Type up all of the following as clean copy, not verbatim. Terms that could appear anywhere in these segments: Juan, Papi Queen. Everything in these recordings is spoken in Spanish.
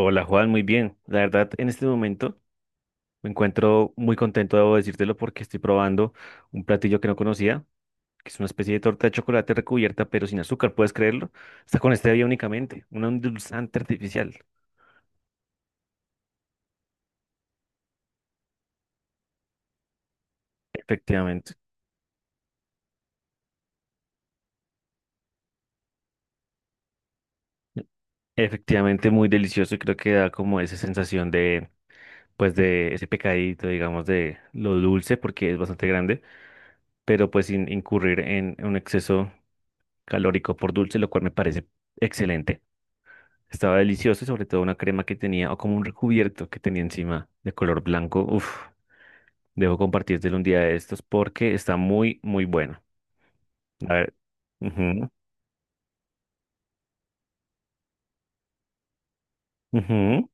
Hola Juan, muy bien. La verdad, en este momento me encuentro muy contento, debo decírtelo, porque estoy probando un platillo que no conocía, que es una especie de torta de chocolate recubierta, pero sin azúcar, ¿puedes creerlo? Está con stevia únicamente, un endulzante artificial. Efectivamente. Efectivamente, muy delicioso y creo que da como esa sensación pues de ese pecadito, digamos, de lo dulce, porque es bastante grande, pero pues sin incurrir en un exceso calórico por dulce, lo cual me parece excelente. Estaba delicioso y sobre todo una crema que tenía, o como un recubierto que tenía encima de color blanco. Uf, debo compartírtelo un día de estos porque está muy, muy bueno. A ver. Ujú, ujú,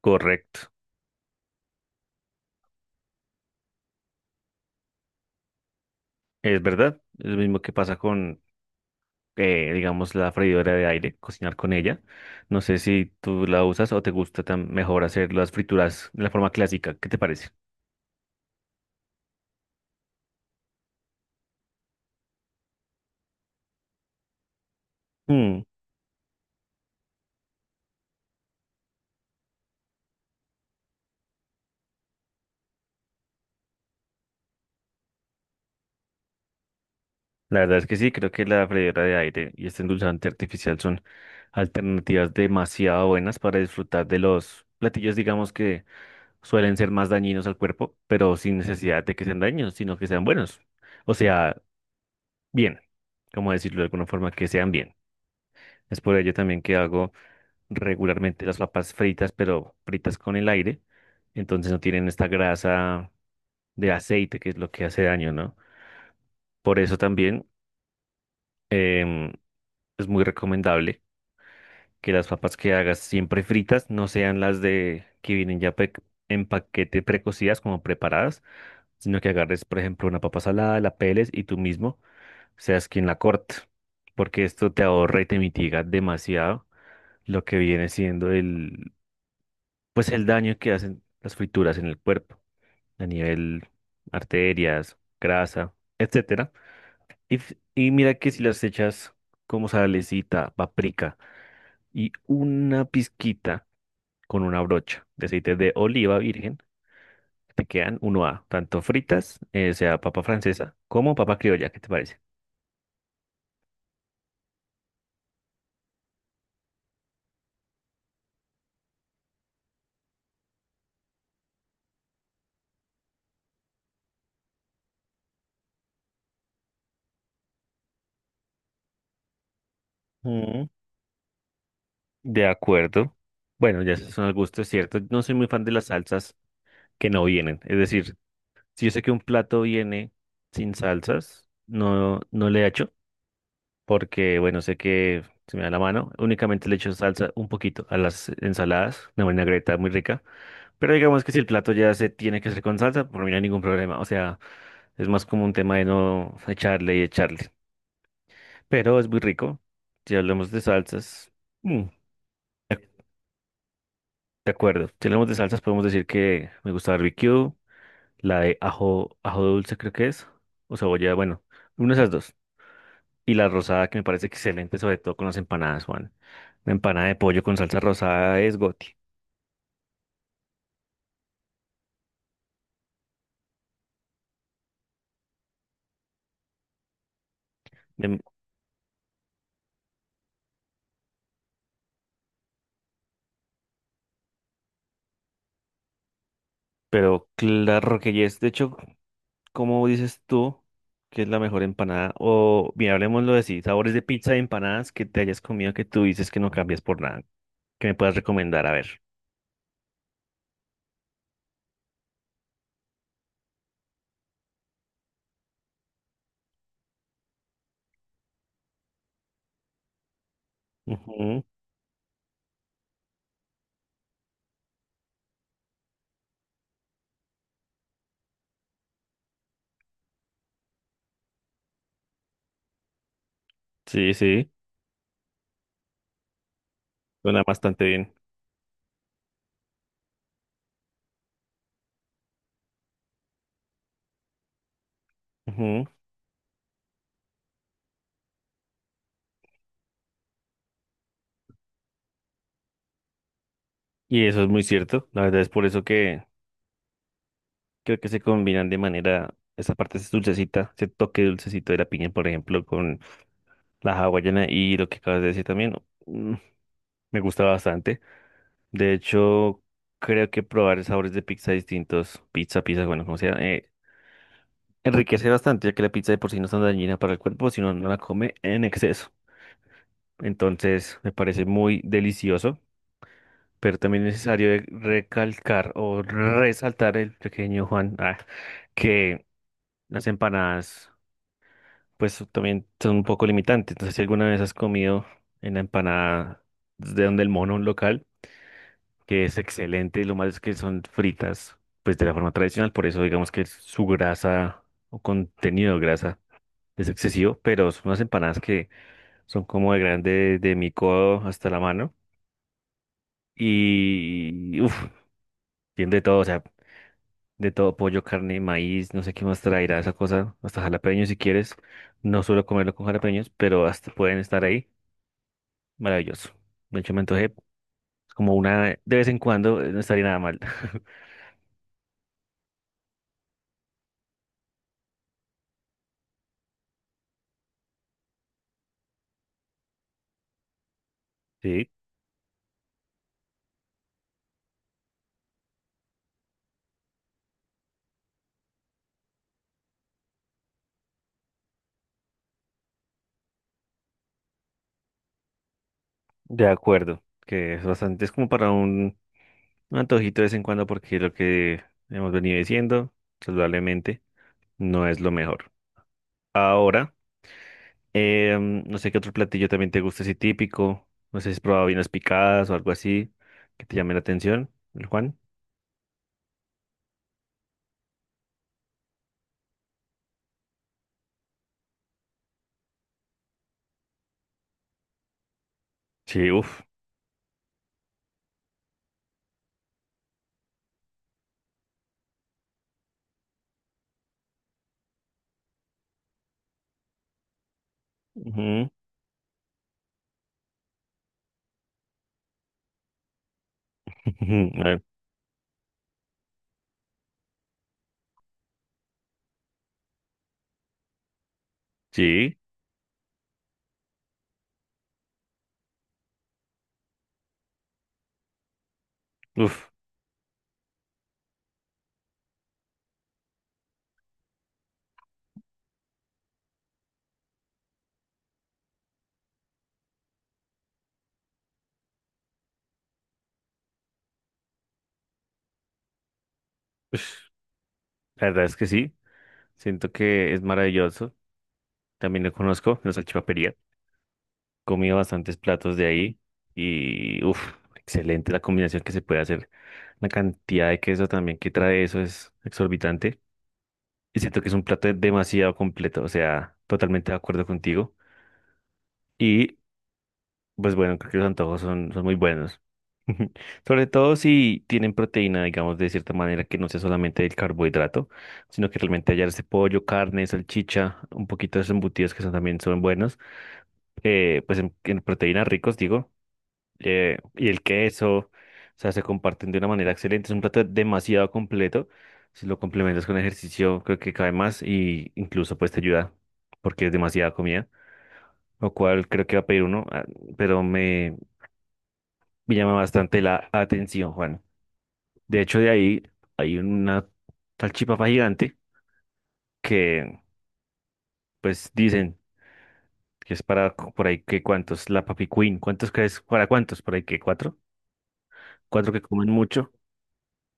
correcto. Es verdad. Es lo mismo que pasa con, digamos, la freidora de aire, cocinar con ella. No sé si tú la usas o te gusta tan mejor hacer las frituras de la forma clásica. ¿Qué te parece? Mm. La verdad es que sí, creo que la freidora de aire y este endulzante artificial son alternativas demasiado buenas para disfrutar de los platillos, digamos que suelen ser más dañinos al cuerpo, pero sin necesidad de que sean dañinos, sino que sean buenos. O sea, bien, como decirlo de alguna forma, que sean bien. Es por ello también que hago regularmente las papas fritas, pero fritas con el aire, entonces no tienen esta grasa de aceite que es lo que hace daño, ¿no? Por eso también em, es muy recomendable que las papas que hagas siempre fritas no sean las de que vienen ya en paquete precocidas como preparadas, sino que agarres, por ejemplo, una papa salada, la peles y tú mismo seas quien la corte, porque esto te ahorra y te mitiga demasiado lo que viene siendo pues el daño que hacen las frituras en el cuerpo a nivel arterias, grasa, etcétera. Y mira que si las echas como salecita, paprika y una pizquita con una brocha de aceite de oliva virgen. Te quedan uno a tanto fritas, sea papa francesa, como papa criolla. ¿Qué te parece? Mm, de acuerdo. Bueno, ya esos son al gusto, es cierto. No soy muy fan de las salsas que no vienen. Es decir, si yo sé que un plato viene sin salsas, no, no le echo, porque, bueno, sé que se me da la mano. Únicamente le echo salsa un poquito a las ensaladas, una vinagreta muy rica. Pero digamos que si el plato ya se tiene que hacer con salsa, por mí no hay ningún problema. O sea, es más como un tema de no echarle y echarle. Pero es muy rico. Si hablamos de salsas, mm, de de acuerdo. Si hablamos de salsas, podemos decir que me gusta barbecue, la de ajo, ajo dulce creo que es, o cebolla, bueno, una de esas dos. Y la rosada que me parece excelente, sobre todo con las empanadas, Juan. Una empanada de pollo con salsa rosada es goti. Em, Pero claro que ya es, de hecho. ¿Cómo dices tú que es la mejor empanada? O bien, hablemoslo de sí, sabores de pizza y empanadas que te hayas comido que tú dices que no cambias por nada. ¿Que me puedas recomendar? A ver. Ujú. Sí, sí, suena bastante bien. Ujú. Y eso es muy cierto. La verdad es por eso que creo que se combinan de manera, esa parte es dulcecita, ese toque dulcecito de la piña, por ejemplo, con la hawaiana y lo que acabas de decir también. Mm, me gusta bastante. De hecho, creo que probar sabores de pizza distintos, pizza, pizza, bueno, como sea. Enriquece bastante, ya que la pizza de por sí no es tan dañina para el cuerpo, sino no la come en exceso. Entonces, me parece muy delicioso, pero también es necesario recalcar o resaltar el pequeño Juan, que las empanadas, pues también son un poco limitantes. Entonces, si alguna vez has comido en la empanada de donde el mono, un local, que es excelente, lo malo es que son fritas, pues de la forma tradicional, por eso digamos que su grasa o contenido de grasa. Es excesivo, pero son unas empanadas que son como de grande de mi codo hasta la mano. Y uff, tiene de todo, o sea, de todo, pollo, carne, maíz, no sé qué más traerá esa cosa, hasta jalapeños si quieres. No suelo comerlo con jalapeños, pero hasta pueden estar ahí. Maravilloso. De hecho, me antojé como una de vez en cuando, no estaría nada mal. Sí, de acuerdo, que es bastante, es como para un, antojito de vez en cuando porque lo que hemos venido diciendo, saludablemente, no es lo mejor. Ahora, no sé qué otro platillo también te gusta así típico. No sé si has probado vinas picadas o algo así que te llame la atención, el Juan. Sí, uff. Sí, uff. La verdad es que sí. Siento que es maravilloso. También lo conozco, la salchipapería. Comí bastantes platos de ahí y uff, excelente la combinación que se puede hacer. La cantidad de queso también que trae eso es exorbitante. Y siento que es un plato demasiado completo, o sea, totalmente de acuerdo contigo. Y pues bueno, creo que los antojos son muy buenos. Sobre todo si tienen proteína, digamos, de cierta manera que no sea solamente el carbohidrato, sino que realmente hallar ese pollo, carne, salchicha, un poquito de esos embutidos que son, también son buenos, pues en proteínas ricos, digo y el queso, o sea, se comparten de una manera excelente. Es un plato demasiado completo. Si lo complementas con ejercicio, creo que cae más y incluso pues te ayuda porque es demasiada comida, lo cual creo que va a pedir uno, pero me llama bastante la atención, Juan. De hecho, de ahí hay una salchipapa gigante que pues dicen que es para por ahí que cuántos, la Papi Queen, ¿cuántos crees? ¿Para cuántos? Por ahí que cuatro, cuatro que comen mucho.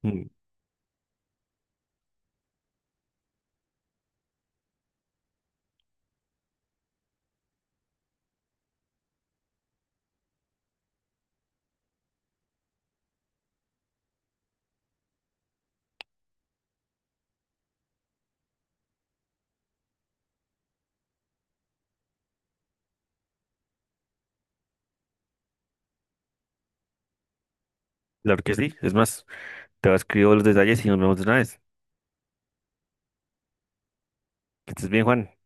Mm. Claro que sí, es más. Te voy a escribir los detalles y nos vemos de una vez. Que estés bien, Juan.